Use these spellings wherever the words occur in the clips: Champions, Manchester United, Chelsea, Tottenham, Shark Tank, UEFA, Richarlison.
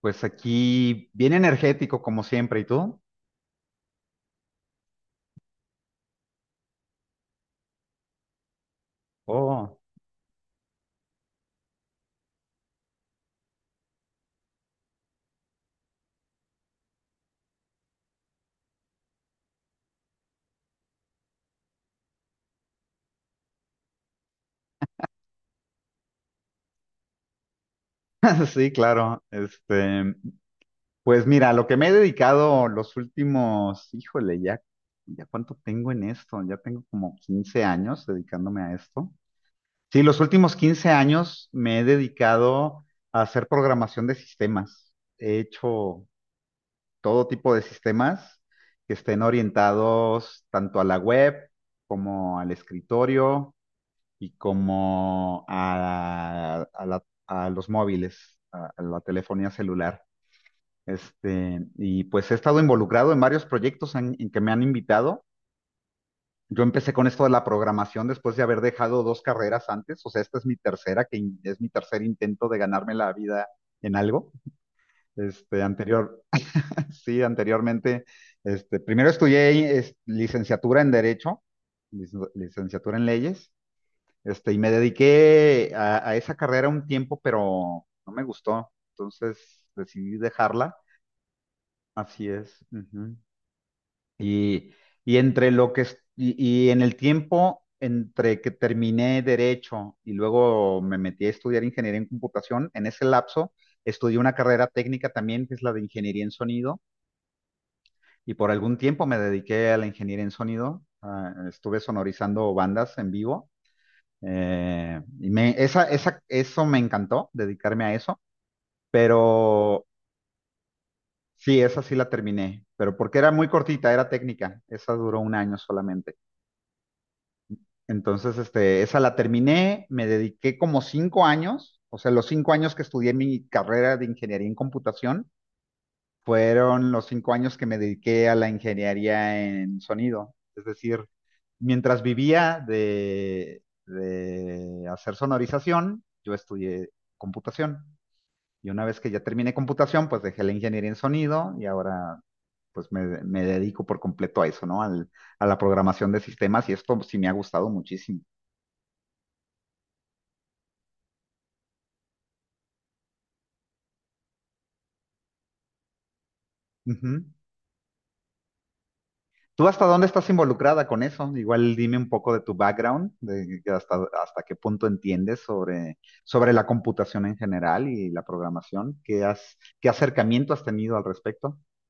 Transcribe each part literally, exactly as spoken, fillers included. Pues aquí, bien energético como siempre, ¿y tú? Oh, sí, claro. Este, pues mira, lo que me he dedicado los últimos, híjole, ya, ya cuánto tengo en esto, ya tengo como quince años dedicándome a esto. Sí, los últimos quince años me he dedicado a hacer programación de sistemas. He hecho todo tipo de sistemas que estén orientados tanto a la web como al escritorio y como a, a la- a los móviles, a, a la telefonía celular. Este, y pues he estado involucrado en varios proyectos en, en que me han invitado. Yo empecé con esto de la programación después de haber dejado dos carreras antes, o sea, esta es mi tercera, que in- es mi tercer intento de ganarme la vida en algo. Este, anterior, sí, anteriormente, este, primero estudié eh, es- licenciatura en Derecho, lic- licenciatura en Leyes. Este, y me dediqué a, a esa carrera un tiempo, pero no me gustó. Entonces decidí dejarla. Así es. Ujú. Y, y entre lo que es- y, y en el tiempo entre que terminé derecho y luego me metí a estudiar ingeniería en computación, en ese lapso estudié una carrera técnica también, que es la de ingeniería en sonido, y por algún tiempo me dediqué a la ingeniería en sonido. Ah, estuve sonorizando bandas en vivo. Eh, y me, esa, esa, eso me encantó, dedicarme a eso, pero sí, esa sí la terminé, pero porque era muy cortita, era técnica, esa duró un año solamente. Entonces, este, esa la terminé, me dediqué como cinco años, o sea, los cinco años que estudié mi carrera de ingeniería en computación fueron los cinco años que me dediqué a la ingeniería en sonido. Es decir, mientras vivía de, de hacer sonorización, yo estudié computación. Y una vez que ya terminé computación, pues dejé la ingeniería en sonido y ahora pues me, me dedico por completo a eso, ¿no? Al- a la programación de sistemas y esto sí me ha gustado muchísimo. Ujú. ¿Tú hasta dónde estás involucrada con eso? Igual dime un poco de tu background, de que hasta, hasta qué punto entiendes sobre, sobre la computación en general y la programación. ¿Qué has, ¿qué acercamiento has tenido al respecto?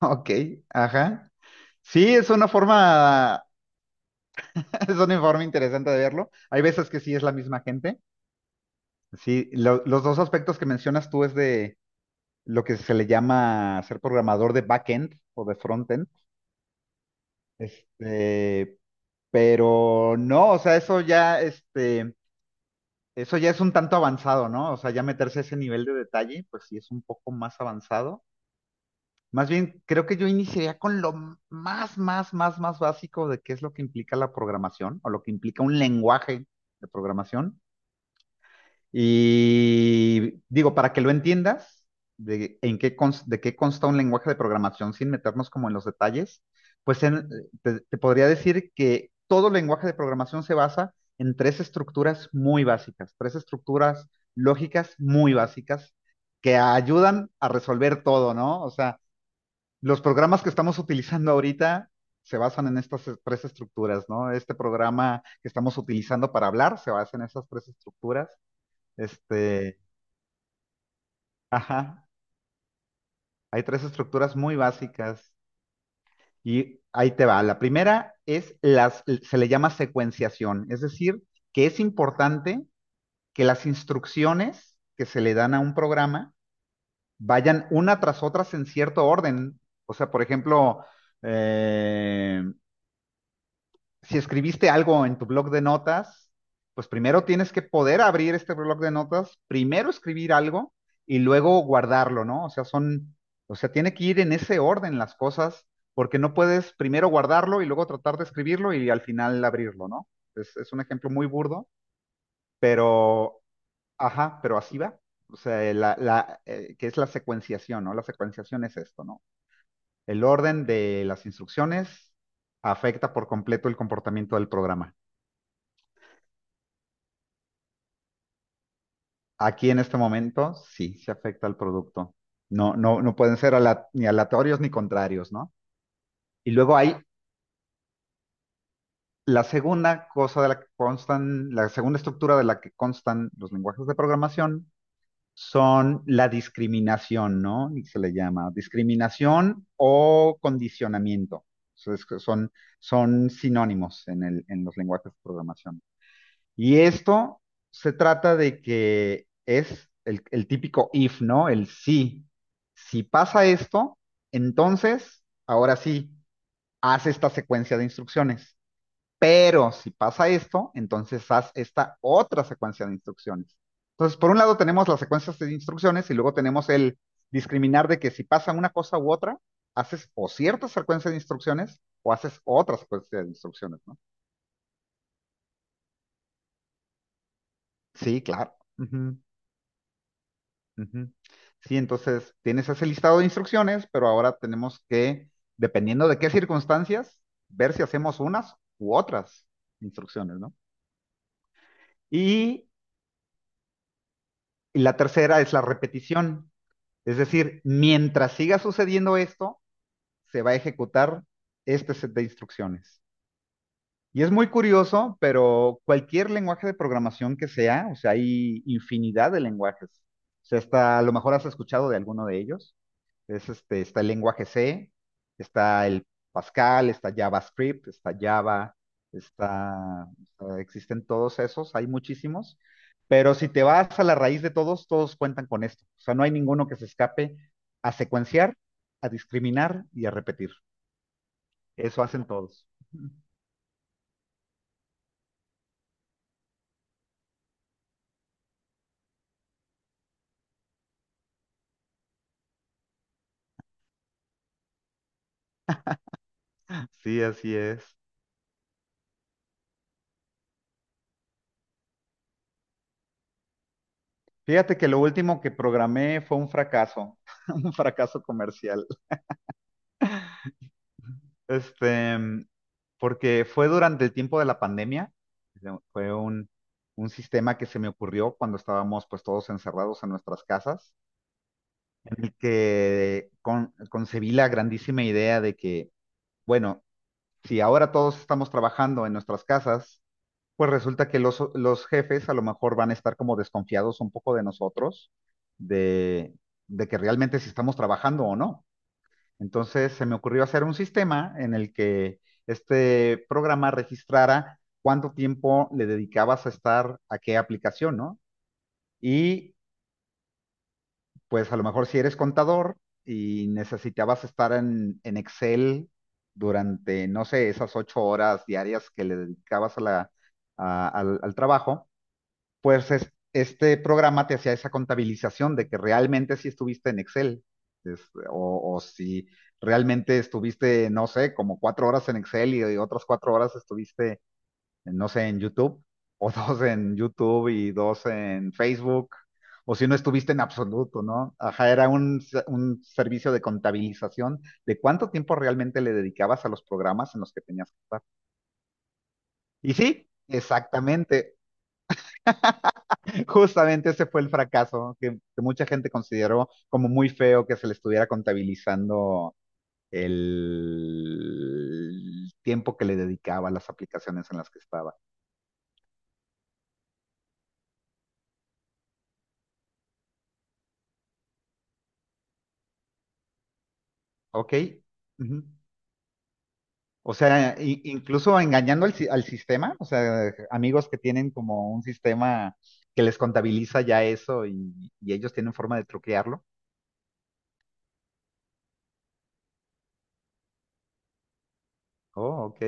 Ok, ajá. Sí, es una forma, es una forma interesante de verlo. Hay veces que sí es la misma gente. Sí, lo- los dos aspectos que mencionas tú es de lo que se le llama ser programador de backend o de frontend. Este, pero no, o sea, eso ya, este, eso ya es un tanto avanzado, ¿no? O sea, ya meterse a ese nivel de detalle, pues sí es un poco más avanzado. Más bien, creo que yo iniciaría con lo más, más, más, más básico de qué es lo que implica la programación o lo que implica un lenguaje de programación. Y digo, para que lo entiendas, de, en qué cons- de qué consta un lenguaje de programación sin meternos como en los detalles, pues en- te, te podría decir que todo lenguaje de programación se basa en tres estructuras muy básicas, tres estructuras lógicas muy básicas que ayudan a resolver todo, ¿no? O sea, los programas que estamos utilizando ahorita se basan en estas tres estructuras, ¿no? Este programa que estamos utilizando para hablar se basa en esas tres estructuras. Este, ajá, hay tres estructuras muy básicas y ahí te va. La primera es las, se le llama secuenciación, es decir, que es importante que las instrucciones que se le dan a un programa vayan una tras otras en cierto orden. O sea, por ejemplo, eh, si escribiste algo en tu blog de notas, pues primero tienes que poder abrir este blog de notas, primero escribir algo y luego guardarlo, ¿no? O sea, son, o sea, tiene que ir en ese orden las cosas, porque no puedes primero guardarlo y luego tratar de escribirlo y al final abrirlo, ¿no? Es, es un ejemplo muy burdo, pero, ajá, pero así va. O sea, la, la, eh, que es la secuenciación, ¿no? La secuenciación es esto, ¿no? El orden de las instrucciones afecta por completo el comportamiento del programa. Aquí en este momento sí se afecta al producto. No, no, no pueden ser ala- ni aleatorios ni contrarios, ¿no? Y luego hay la segunda cosa de la que constan, la segunda estructura de la que constan los lenguajes de programación son la discriminación, ¿no? Y se le llama discriminación o condicionamiento. Entonces, que son, son sinónimos en el, en los lenguajes de programación. Y esto se trata de que es el, el típico if, ¿no? El sí. Si pasa esto, entonces, ahora sí, haz esta secuencia de instrucciones. Pero si pasa esto, entonces haz esta otra secuencia de instrucciones. Entonces, por un lado tenemos las secuencias de instrucciones y luego tenemos el discriminar de que si pasa una cosa u otra, haces o cierta secuencia de instrucciones o haces otra secuencia de instrucciones, ¿no? Sí, claro. Ujú. Ujú. Sí, entonces tienes ese listado de instrucciones, pero ahora tenemos que, dependiendo de qué circunstancias, ver si hacemos unas u otras instrucciones, ¿no? Y la tercera es la repetición. Es decir, mientras siga sucediendo esto, se va a ejecutar este set de instrucciones. Y es muy curioso, pero cualquier lenguaje de programación que sea, o sea, hay infinidad de lenguajes. O sea, hasta a lo mejor has escuchado de alguno de ellos. Es este, está el lenguaje C, está el Pascal, está JavaScript, está Java, está, está- existen todos esos, hay muchísimos, pero si te vas a la raíz de todos, todos cuentan con esto. O sea, no hay ninguno que se escape a secuenciar, a discriminar y a repetir. Eso hacen todos. Sí, así es. Fíjate que lo último que programé fue un fracaso, un fracaso comercial. Este, mm, Porque fue durante el tiempo de la pandemia, fue un, un sistema que se me ocurrió cuando estábamos pues todos encerrados en nuestras casas, en el que con- concebí la grandísima idea de que, bueno, si ahora todos estamos trabajando en nuestras casas, pues resulta que los, los jefes a lo mejor van a estar como desconfiados un poco de nosotros, de, de que realmente si estamos trabajando o no. Entonces se me ocurrió hacer un sistema en el que este programa registrara cuánto tiempo le dedicabas a estar a qué aplicación, ¿no? Y pues a lo mejor si eres contador y necesitabas estar en, en Excel durante, no sé, esas ocho horas diarias que le dedicabas a la- a- al al trabajo, pues es- este programa te hacía esa contabilización de que realmente si estuviste en Excel, es- o, o si realmente estuviste, no sé, como cuatro horas en Excel y, y otras cuatro horas estuviste, no sé, en YouTube, o dos en YouTube y dos en Facebook, o si no estuviste en absoluto, ¿no? Ajá, era un, se- un servicio de contabilización de cuánto tiempo realmente le dedicabas a los programas en los que tenías que estar. Y sí, exactamente. Justamente ese fue el fracaso que, que mucha gente consideró como muy feo que se le estuviera contabilizando el tiempo que le dedicaba a las aplicaciones en las que estaba. Ok. Ujú. O sea, i- incluso engañando al, si- al sistema, o sea, amigos que tienen como un sistema que les contabiliza ya eso y, y ellos tienen forma de truquearlo. Oh, ok.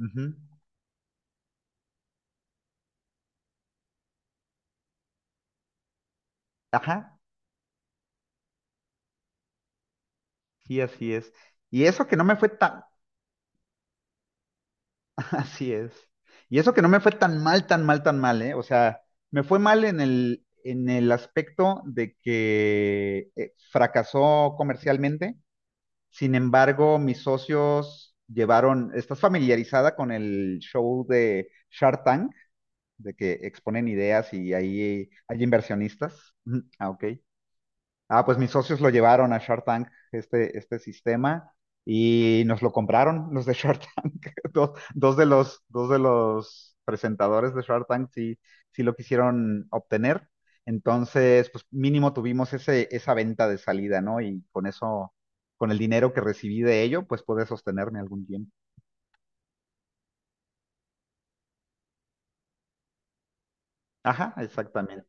Ujú. Ajá, sí, así es. Y eso que no me fue tan. Así es. Y eso que no me fue tan mal, tan mal, tan mal, ¿eh? O sea, me fue mal en el, en el aspecto de que eh, fracasó comercialmente. Sin embargo, mis socios llevaron, ¿estás familiarizada con el show de Shark Tank? De que exponen ideas y ahí hay inversionistas. Ujú. Ah, ok. Ah, pues mis socios lo llevaron a Shark Tank, este, este sistema, y nos lo compraron los de Shark Tank. Dos, dos de los, dos de los presentadores de Shark Tank sí, sí lo quisieron obtener. Entonces, pues mínimo tuvimos ese, esa venta de salida, ¿no? Y con eso, con el dinero que recibí de ello, pues pude sostenerme algún tiempo. Ajá, exactamente.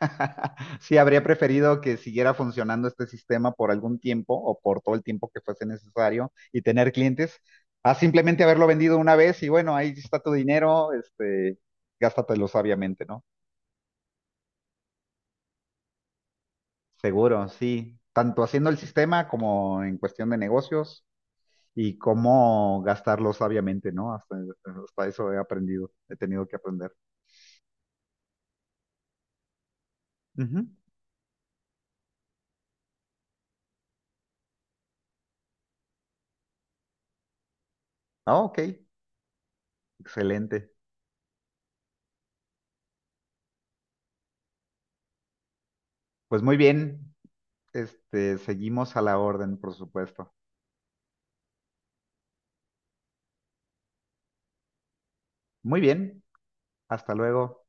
Sí, habría preferido que siguiera funcionando este sistema por algún tiempo o por todo el tiempo que fuese necesario y tener clientes, a simplemente haberlo vendido una vez y bueno, ahí está tu dinero, este, gástatelo sabiamente, ¿no? Seguro, sí, tanto haciendo el sistema como en cuestión de negocios y cómo gastarlo sabiamente, ¿no? Hasta, hasta eso he aprendido, he tenido que aprender. Ujú. Ah, ok, excelente. Pues muy bien, este, seguimos a la orden, por supuesto. Muy bien, hasta luego.